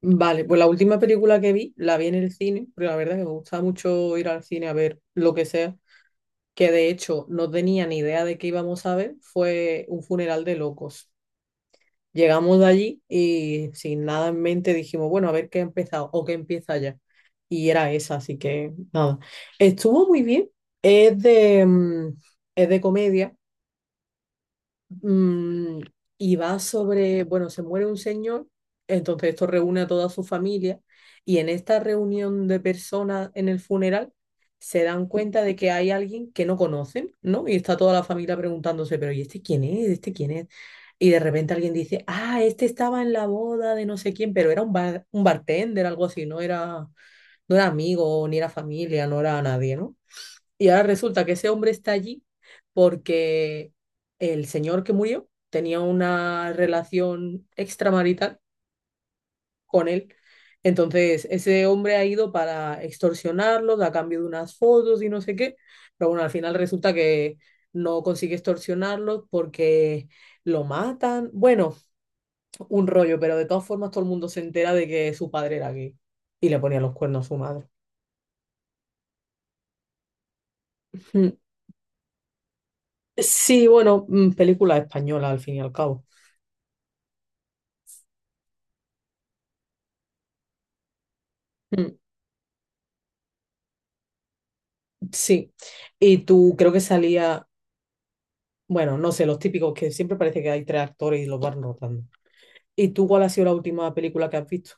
Vale, pues la última película que vi, la vi en el cine, porque la verdad es que me gusta mucho ir al cine a ver lo que sea, que de hecho no tenía ni idea de qué íbamos a ver, fue un funeral de locos. Llegamos de allí y sin nada en mente dijimos, bueno, a ver qué ha empezado o qué empieza ya. Y era esa, así que nada. Estuvo muy bien, es de, mm, es de comedia. Mm, y va sobre, bueno, se muere un señor, entonces esto reúne a toda su familia y en esta reunión de personas en el funeral se dan cuenta de que hay alguien que no conocen, ¿no? Y está toda la familia preguntándose, pero ¿y este quién es? ¿Este quién es? Y de repente alguien dice, ah, este estaba en la boda de no sé quién, pero era un bartender, algo así, no era, no era amigo, ni era familia, no era nadie, ¿no? Y ahora resulta que ese hombre está allí porque el señor que murió tenía una relación extramarital con él. Entonces, ese hombre ha ido para extorsionarlos a cambio de unas fotos y no sé qué. Pero bueno, al final resulta que no consigue extorsionarlos porque lo matan. Bueno, un rollo, pero de todas formas todo el mundo se entera de que su padre era gay y le ponía los cuernos a su madre. Mm. Sí, bueno, película española al fin y al cabo. Mm. Sí, y tú creo que salía, bueno, no sé, los típicos que siempre parece que hay tres actores y los van rotando. ¿Y tú cuál ha sido la última película que has visto?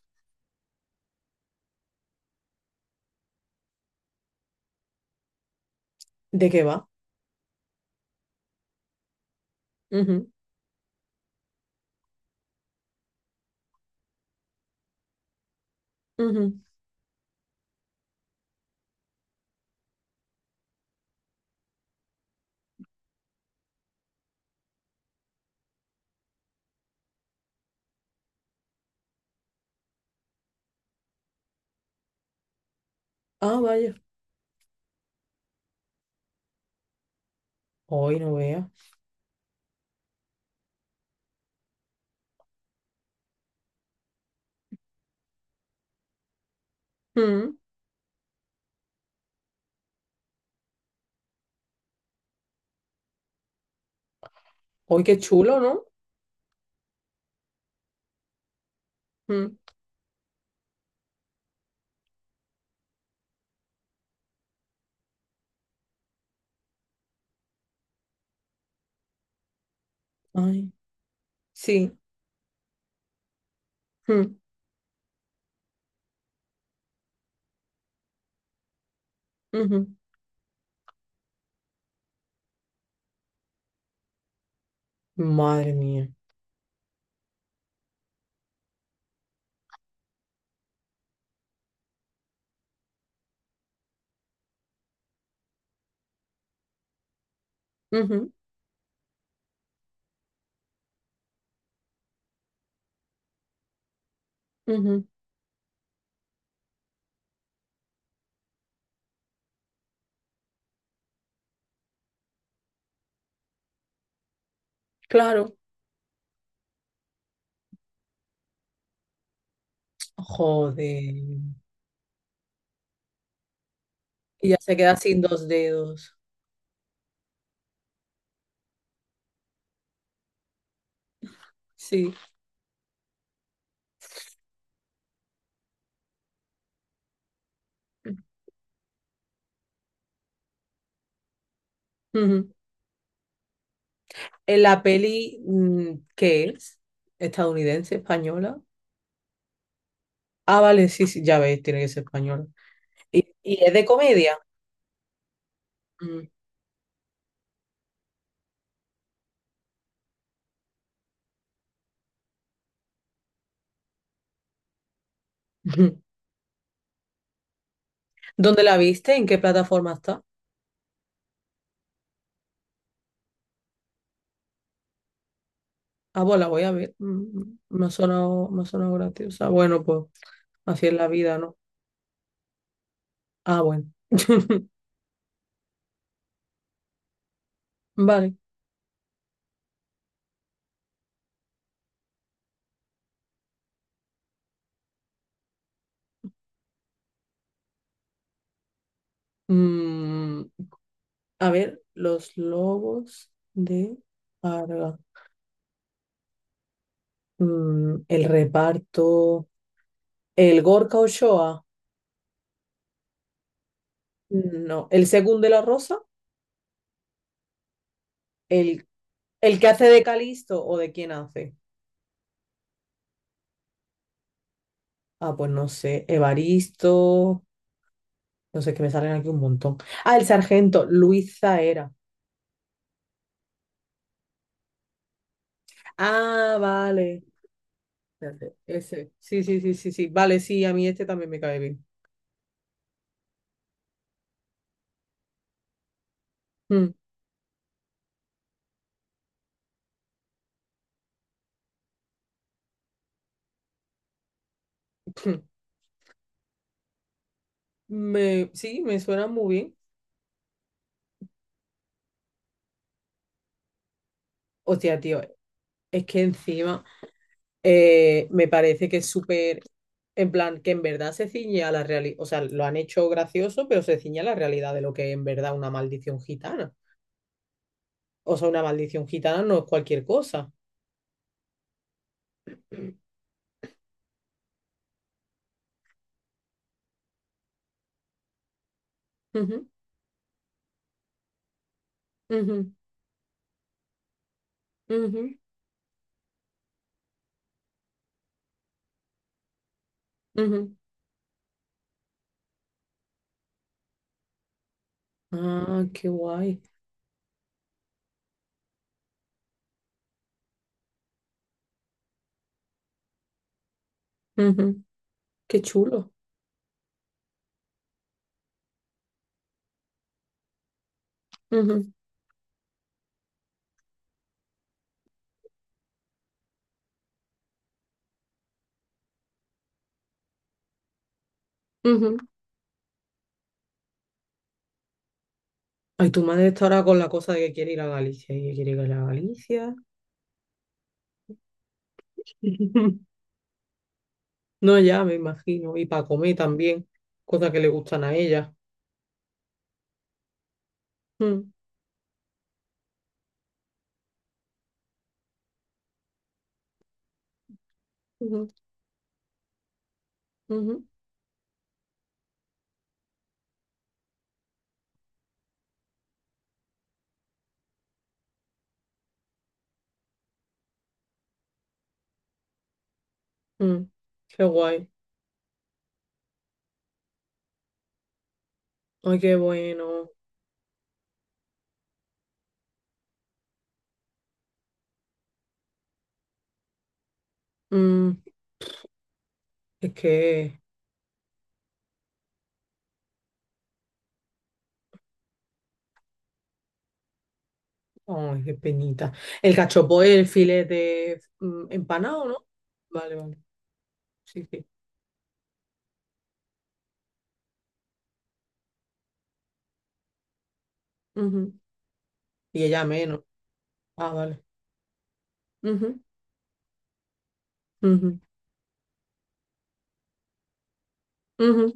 ¿De qué va? Ujú, ujú. Ah, vaya. Hoy no veas. Mm. Hoy qué chulo, ¿no? Mm. Ay, sí. Mm, ujú. Madre mía. Ujú, ujú. Claro. Joder. Y ya se queda sin dos dedos. Sí. Ujú. En la peli, ¿qué es? ¿Estadounidense, española? Ah, vale, sí, sí, ya ves, tiene que ser española. Y es de comedia? Mm. ¿Dónde la viste? ¿En qué plataforma está? Ah, pues la voy a ver. Mm, mm, me ha sonado, me ha sonado graciosa. Bueno, pues así es la vida, ¿no? Ah, bueno. Vale. Mm, a ver, los lobos de Arga. Mm, el reparto. El Gorka Ochoa. No. El segundo de la Rosa. El, el que hace de Calisto o de quién hace. Ah, pues no sé. Evaristo. No sé, que me salen aquí un montón. Ah, el sargento, Luis Zaera. Ah, vale. Espérate, ese. Sí, sí, sí, sí, sí. Vale, sí, a mí este también me cae bien. Mm. Me, sí, me suena muy bien. Hostia, tío, es que encima me parece que es súper, en plan, que en verdad se ciñe a la realidad, o sea, lo han hecho gracioso, pero se ciñe a la realidad de lo que es en verdad una maldición gitana. O sea, una maldición gitana no es cualquier cosa. Ujú, ujú, ujú, ujú. Ah, qué guay. Ujú, qué chulo. Ujú, ujú. Ay, tu madre está ahora con la cosa de que quiere ir a Galicia y que quiere ir a Galicia. No, ya me imagino. Y para comer también, cosas que le gustan a ella. Mm, ujú, ujú, mm. Qué guay. Ay, qué bueno. Mm, es que Ay, qué penita. El cachopo es el filete empanado, ¿no? Vale, vale. Sí, sí. Ujú. Y ella menos. Ah, vale. Ujú, ujú, ujú,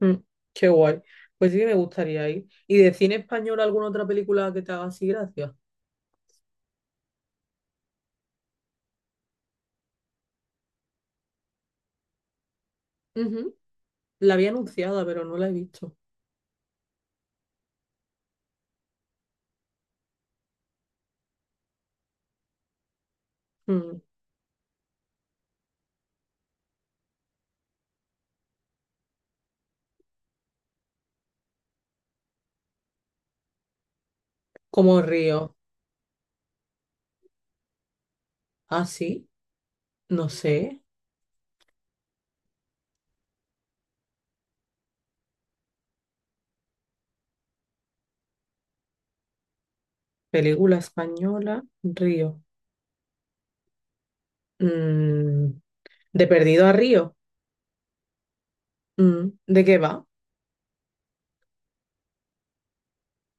mm, mm. Qué guay. Pues sí que me gustaría ir. ¿Y de cine español alguna otra película que te haga así gracia? Ujú. La había anunciada, pero no la he visto. Mm. Como Río. Ah, sí. No sé. Película española, Río. Mm. De Perdido a Río. Mm. ¿De qué va?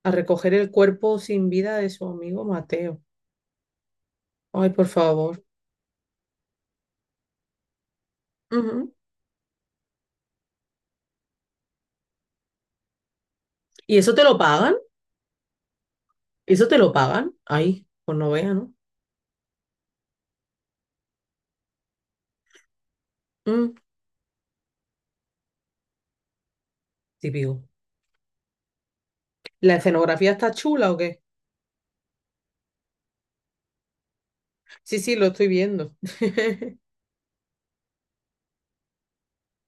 A recoger el cuerpo sin vida de su amigo Mateo. Ay, por favor. Ujú. ¿Y eso te lo pagan? ¿Eso te lo pagan? Ay, pues no vea, ¿no? Mm, típico. ¿La escenografía está chula o qué? Sí, sí, lo estoy viendo.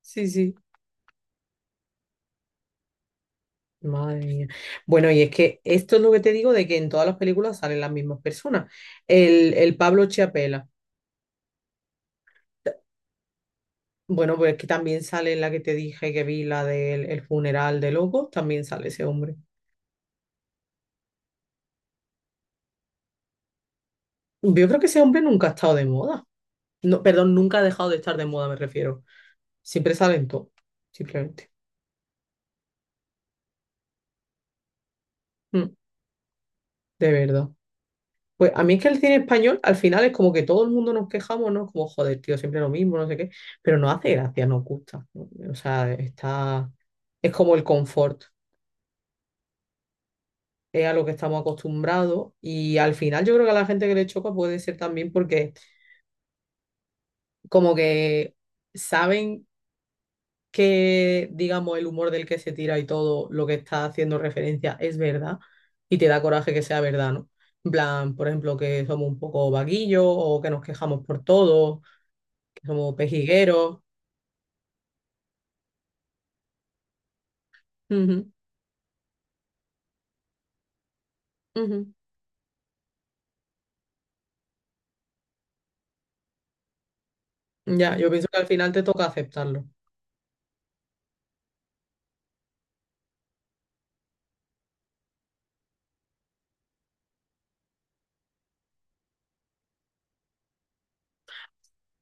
Sí, sí. Madre mía. Bueno, y es que esto es lo que te digo de que en todas las películas salen las mismas personas. El Pablo Chiapela. Bueno, pues es que también sale en la que te dije que vi, la del el funeral de Locos, también sale ese hombre. Yo creo que ese hombre nunca ha estado de moda. No, perdón, nunca ha dejado de estar de moda, me refiero. Siempre sale en todo, simplemente. Mm, de verdad. Pues a mí es que el cine español al final es como que todo el mundo nos quejamos, ¿no? Como, joder, tío, siempre lo mismo, no sé qué. Pero no hace gracia, nos gusta, ¿no? O sea, está. Es como el confort, es a lo que estamos acostumbrados. Y al final yo creo que a la gente que le choca puede ser también porque, como que saben que, digamos, el humor del que se tira y todo lo que está haciendo referencia es verdad y te da coraje que sea verdad, ¿no? En plan, por ejemplo, que somos un poco vaguillos o que nos quejamos por todo, que somos pejigueros. Ujú, ujú. Ya, yo pienso que al final te toca aceptarlo.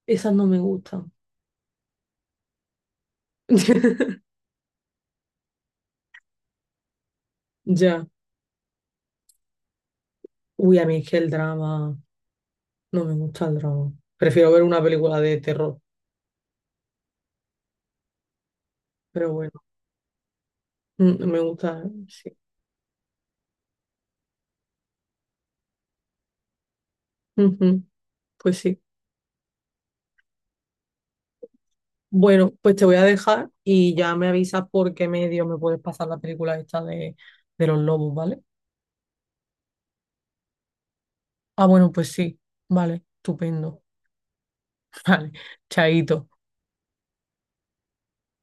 Esas no me gustan. Ya. Uy, a mí es que el drama, no me gusta el drama. Prefiero ver una película de terror, pero bueno, me gusta, sí. Ujú, pues sí. Bueno, pues te voy a dejar y ya me avisas por qué medio me puedes pasar la película esta de los lobos, ¿vale? Ah, bueno, pues sí, vale, estupendo. Vale, chaito.